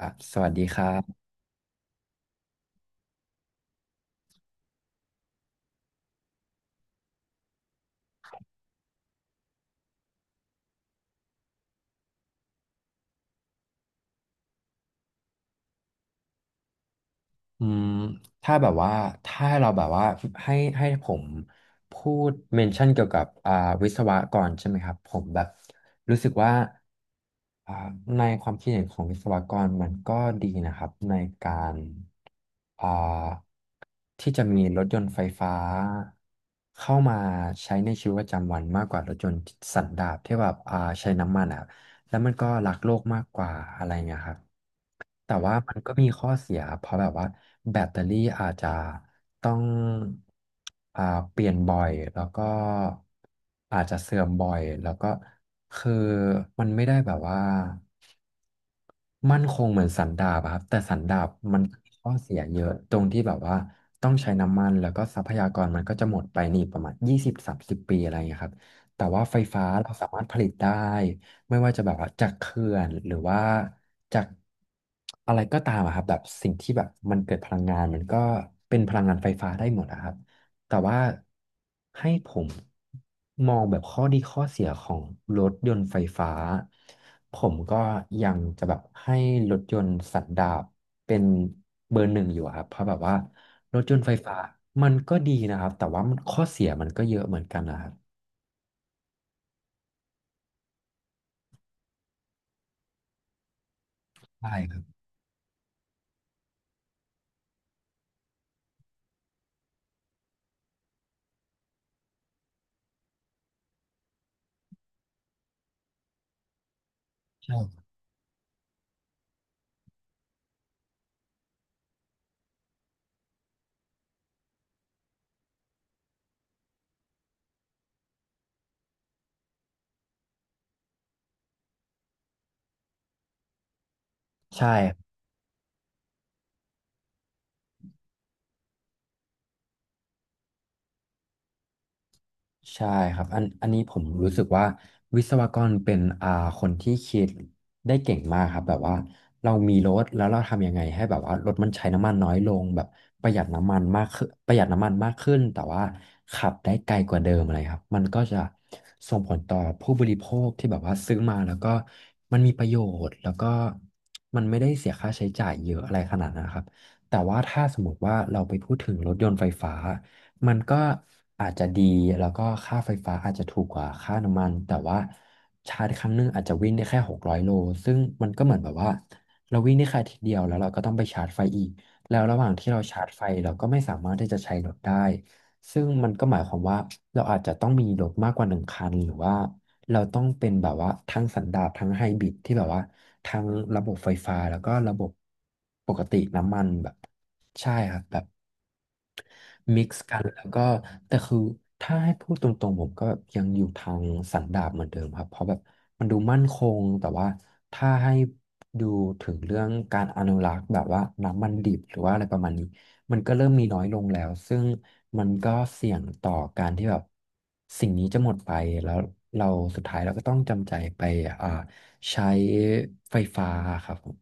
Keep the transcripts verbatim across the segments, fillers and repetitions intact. อ่ะสวัสดีครับอืมถ้าแบบว่าถ้าเราแบบว่าให้ให้ผมพูดเมนชั่นเกี่ยวกับอ่าวิศวะก่อนใช่ไหมครับผมแบบรู้สึกว่าอ่าในความคิดเห็นของวิศวกรมันก็ดีนะครับในการอ่าที่จะมีรถยนต์ไฟฟ้าเข้ามาใช้ในชีวิตประจำวันมากกว่ารถยนต์สันดาปที่แบบอ่าใช้น้ำมันอ่ะ แล้วมันก็รักโลกมากกว่าอะไรเงี้ยครับแต่ว่ามันก็มีข้อเสียเพราะแบบว่าแบตเตอรี่อาจจะต้องอ่าเปลี่ยนบ่อยแล้วก็อาจจะเสื่อมบ่อยแล้วก็คือมันไม่ได้แบบว่ามั่นคงเหมือนสันดาบอะครับแต่สันดาบมันมีข้อเสียเยอะตรงที่แบบว่าต้องใช้น้ำมันแล้วก็ทรัพยากรมันก็จะหมดไปนี่ประมาณยี่สิบสามสิบปีอะไรอย่างเงี้ยครับแต่ว่าไฟฟ้าเราสามารถผลิตได้ ไม่ว่าจะแบบว่าจากเขื่อนหรือว่าจากอะไรก็ตามอะครับแบบสิ่งที่แบบมันเกิดพลังงานมันก็เป็นพลังงานไฟฟ้าได้หมดอะครับแต่ว่าให้ผมมองแบบข้อดีข้อเสียของรถยนต์ไฟฟ้าผมก็ยังจะแบบให้รถยนต์สันดาปเป็นเบอร์หนึ่งอยู่อะครับเพราะแบบว่ารถยนต์ไฟฟ้ามันก็ดีนะครับแต่ว่ามันข้อเสียมันก็เยอะเหมือนกันนะครับใช่ครับใช่ใช่ ใช่ครับอันอันนี้ผมรู้สึกว่าวิศวกรเป็นอ่าคนที่คิดได้เก่งมากครับแบบว่าเรามีรถแล้วเราทำยังไงให้แบบว่ารถมันใช้น้ำมันน้อยลงแบบประหยัดน้ำมันมากขึ้นประหยัดน้ำมันมากขึ้นแต่ว่าขับได้ไกลกว่าเดิมอะไรครับมันก็จะส่งผลต่อผู้บริโภคที่แบบว่าซื้อมาแล้วก็มันมีประโยชน์แล้วก็มันไม่ได้เสียค่าใช้จ่ายเยอะอะไรขนาดนั้นครับแต่ว่าถ้าสมมติว่าเราไปพูดถึงรถยนต์ไฟฟ้า มันก็อาจจะดีแล้วก็ค่าไฟฟ้าอาจจะถูกกว่าค่าน้ำมันแต่ว่าชาร์จครั้งหนึงอาจจะวิ่งได้แค่หกร้อยโลซึ่งมันก็เหมือนแบบว่าเราวิ่งได้แค่อาทิตย์เดียวแล้วเราก็ต้องไปชาร์จไฟอีกแล้วระหว่างที่เราชาร์จไฟเราก็ไม่สามารถที่จะใช้รถได้ซึ่งมันก็หมายความว่าเราอาจจะต้องมีรถมากกว่าหนึ่งคันหรือว่าเราต้องเป็นแบบว่าทั้งสันดาปทั้งไฮบริดที่แบบว่าทั้งระบบไฟฟ้าแล้วก็ระบบปกติน้ำมันแบบใช่ครับแบบ มิกซ์กันแล้วก็แต่คือถ้าให้พูดตรงๆผมก็ยังอยู่ทางสันดาปเหมือนเดิมครับเพราะแบบมันดูมั่นคงแต่ว่าถ้าให้ดูถึงเรื่องการอนุรักษ์แบบว่าน้ำมันดิบหรือว่าอะไรประมาณนี้มันก็เริ่มมีน้อยลงแล้วซึ่งมันก็เสี่ยงต่อการที่แบบสิ่งนี้จะหมดไปแล้วเราสุดท้ายเราก็ต้องจำใจไปอ่าใช้ไฟฟ้าครับผม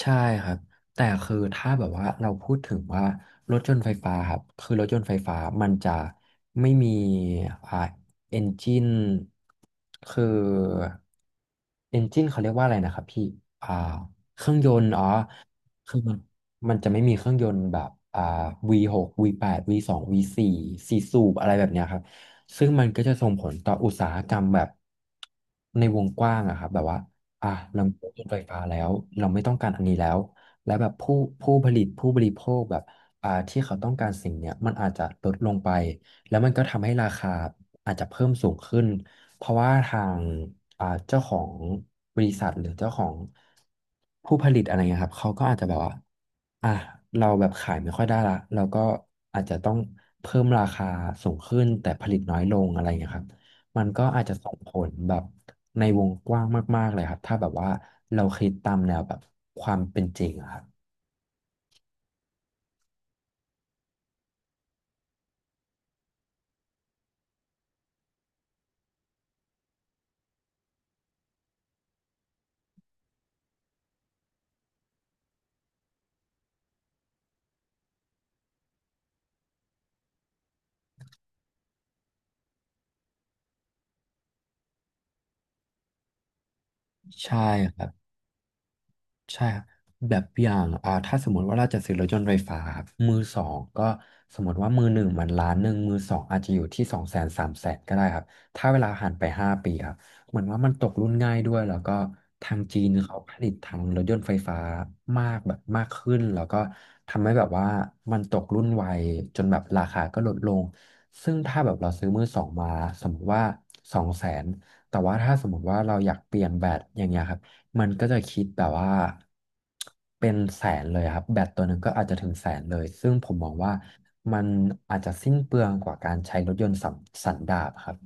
ใช่ครับแต่คือถ้าแบบว่าเราพูดถึงว่ารถยนต์ไฟฟ้าครับคือรถยนต์ไฟฟ้ามันจะไม่มีอ่าเอนจินคือเอนจินเขาเรียกว่าอะไรนะครับพี่อ่าเครื่องยนต์อ๋อคือมันมันจะไม่มีเครื่องยนต์แบบอ่า วี หก วี แปด วี สอง วี สี่ สองวีสี่สสูบอะไรแบบเนี้ยครับซึ่งมันก็จะส่งผลต่ออุตสาหกรรมแบบในวงกว้างอะครับแบบว่า อ่ะเรามีรถยนต์ไฟฟ้าแล้วเราไม่ต้องการอันนี้แล้วและแบบผู้ผู้ผลิตผู้บริโภคแบบอ่าที่เขาต้องการสิ่งเนี้ยมันอาจจะลดลงไปแล้วมันก็ทำให้ราคาอาจจะเพิ่มสูงขึ้นเพราะว่าทางอ่าเจ้าของบริษัทหรือเจ้าของผู้ผลิตอะไรเงี้ยครับเขาก็อาจจะแบบว่าอ่ะเราแบบขายไม่ค่อยได้ละเราก็อาจจะต้องเพิ่มราคาสูงขึ้นแต่ผลิตน้อยลงอะไรเงี้ยครับ มันก็อาจจะส่งผลแบบในวงกว้างมากๆเลยครับถ้าแบบว่าเราคิดตามแนวแบบความเป็นจริงอะครับใช่ครับ ใช่ครับแบบอย่างอ่าถ้าสมมติว่าเราจะซื้อรถยนต์ไฟฟ้าครับมือสองก็สมมติว่ามือหนึ่งมันล้านหนึ่งมือสองอาจจะอยู่ที่สองแสนสามแสนก็ได้ครับถ้าเวลาผ่านไปห้าปีครับเหมือนว่ามันตกรุ่นง่ายด้วยแล้วก็ทางจีนเขาผลิตทางรถยนต์ไฟฟ้ามากแบบมากขึ้นแล้วก็ทำให้แบบว่ามันตกรุ่นไวจนแบบราคาก็ลดลงซึ่งถ้าแบบเราซื้อมือสองมาสมมติว่าสองแสนแต่ว่าถ้าสมมติว่าเราอยากเปลี่ยนแบตอย่างเงี้ยครับ มันก็จะคิดแบบว่าเป็นแสนเลยครับแบตตัวหนึ่งก็อาจจะถึงแสนเลยซึ่งผมมองว่ามันอาจจะสิ้นเปลืองกว่าการใช้รถยนต์สันสันดาปครับ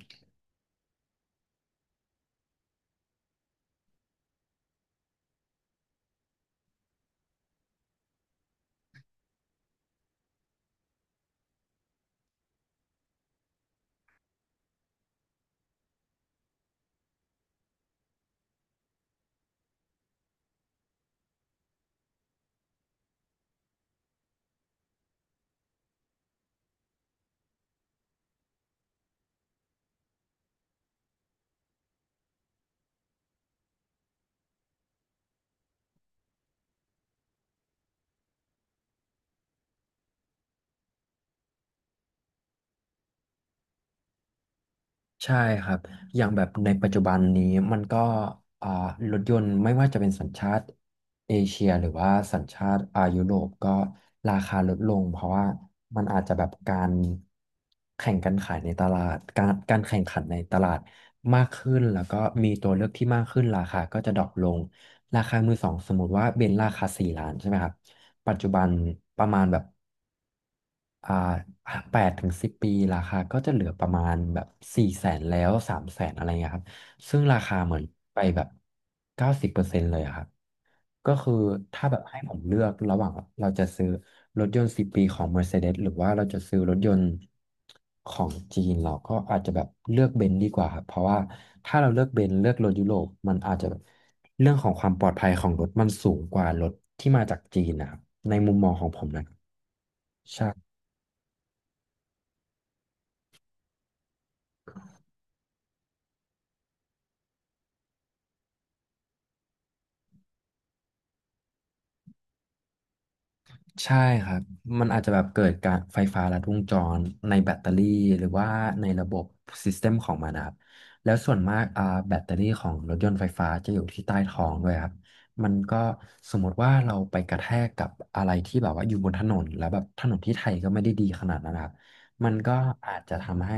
ใช่ครับอย่างแบบในปัจจุบันนี้มันก็อ่ารถยนต์ไม่ว่าจะเป็นสัญชาติเอเชียหรือว่าสัญชาติอายุโรปก็ราคาลดลงเพราะว่ามันอาจจะแบบการแข่งกันขายในตลาดการการแข่งขันในตลาดมากขึ้นแล้วก็มีตัวเลือกที่มากขึ้นราคาก็จะดรอปลงราคามือสองสมมติว่าเบนซ์ราคาสี่ล้านใช่ไหมครับปัจจุบันประมาณแบบ อ่าแปดถึงสิบปีราคาก็จะเหลือประมาณแบบสี่แสนแล้วสามแสนอะไรเงี้ยครับซึ่งราคาเหมือนไปแบบเก้าสิบเปอร์เซ็นต์เลยอะครับก็คือถ้าแบบให้ผมเลือกระหว่างเราจะซื้อรถยนต์สิบปีของ เมอร์เซเดส หรือว่าเราจะซื้อรถยนต์ของจีนเราก็อาจจะแบบเลือกเบนซ์ดีกว่าครับเพราะว่าถ้าเราเลือกเบนซ์เลือกรถยุโรปมันอาจจะแบบเรื่องของความปลอดภัยของรถมันสูงกว่ารถที่มาจากจีนนะครับในมุมมองของผมนะใช่ ใช่ครับมันอาจจะแบบเกิดการไฟฟ้าลัดวงจรในแบตเตอรี่หรือว่าในระบบซิสเต็มของมันนะครับแล้วส่วนมากอ่าแบตเตอรี่ของรถยนต์ไฟฟ้าจะอยู่ที่ใต้ท้องด้วยครับมันก็สมมติว่าเราไปกระแทกกับอะไรที่แบบว่าอยู่บนถนนแล้วแบบถนนที่ไทยก็ไม่ได้ดีขนาดนั้นนะครับมันก็อาจจะทำให้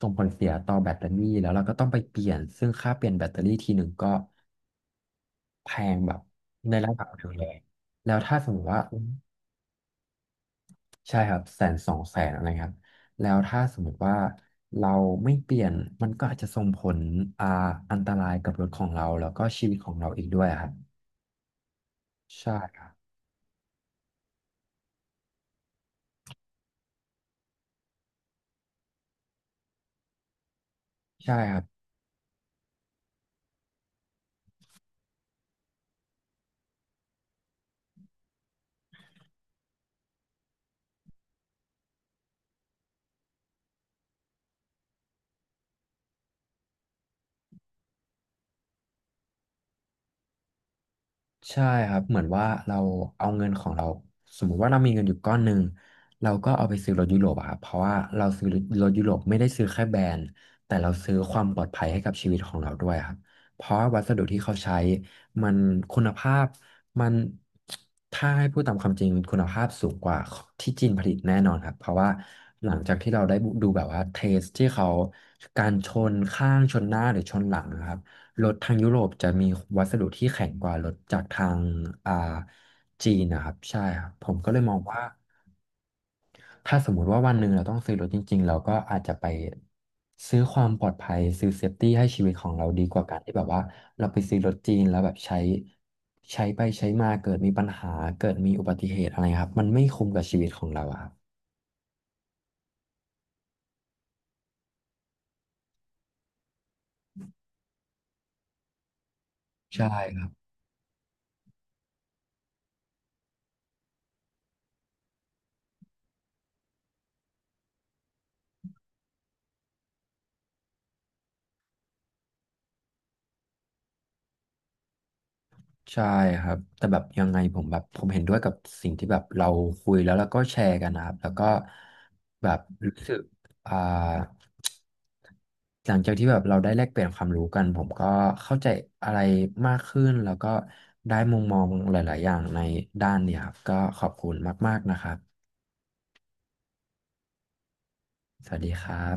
ส่งผลเสียต่อแบตเตอรี่แล้วเราก็ต้องไปเปลี่ยนซึ่งค่าเปลี่ยนแบตเตอรี่ทีหนึ่งก็แพงแบบในระดับหนึ่งเลยแล้วถ้าสมมติว่า ใช่ครับแสนสองแสนอะไรครับแล้วถ้าสมมติว่าเราไม่เปลี่ยนมันก็อาจจะส่งผลอ่าอันตรายกับรถของเราแล้วก็ชีวิตของเราอีกด้วยอะครับใช่ครับใช่ครับ ใช่ครับ เหมือนว่าเราเอาเงินของเราสมมุติว่าเรามีเงินอยู่ก้อนหนึ่งเราก็เอาไปซื้อรถยุโรปอะครับเพราะว่าเราซื้อรถยุโรปไม่ได้ซื้อแค่แบรนด์แต่เราซื้อความปลอดภัยให้กับชีวิตของเราด้วยครับเพราะว่าวัสดุที่เขาใช้มันคุณภาพมันถ้าให้พูดตามความจริงคุณภาพสูงกว่าที่จีนผลิตแน่นอนครับเพราะว่าหลังจากที่เราได้ดูแบบว่าเทสที่เขาการชนข้างชนหน้าหรือชนหลังนะครับ รถทางยุโรปจะมีวัสดุที่แข็งกว่ารถจากทางอ่าจีนนะครับใช่ครับผมก็เลยมองว่าถ้าสมมุติว่าวันหนึ่งเราต้องซื้อรถจริงๆเราก็อาจจะไปซื้อความปลอดภัยซื้อเซฟตี้ให้ชีวิตของเราดีกว่าการที่แบบว่าเราไปซื้อรถจีนแล้วแบบใช้ใช้ไปใช้มาเกิดมีปัญหาเกิดมีอุบัติเหตุอะไรครับมันไม่คุ้มกับชีวิตของเราอะครับใช่ ใช่ครับแต่แบบยังไงผมแบบผมเห็นด้วยกับสิ่งที่แบบเราคุยแล้วแล้วก็แชร์กันนะครับแล้วก็แบบรู้สึกอ่าหลังจากที่แบบเราได้แลกเปลี่ยนความรู้กันผมก็เข้าใจอะไรมากขึ้นแล้วก็ได้มุมมองหลายๆอย่างในด้านเนี่ยครับก็ขอบคุณมากๆนะครับสวัสดีครับ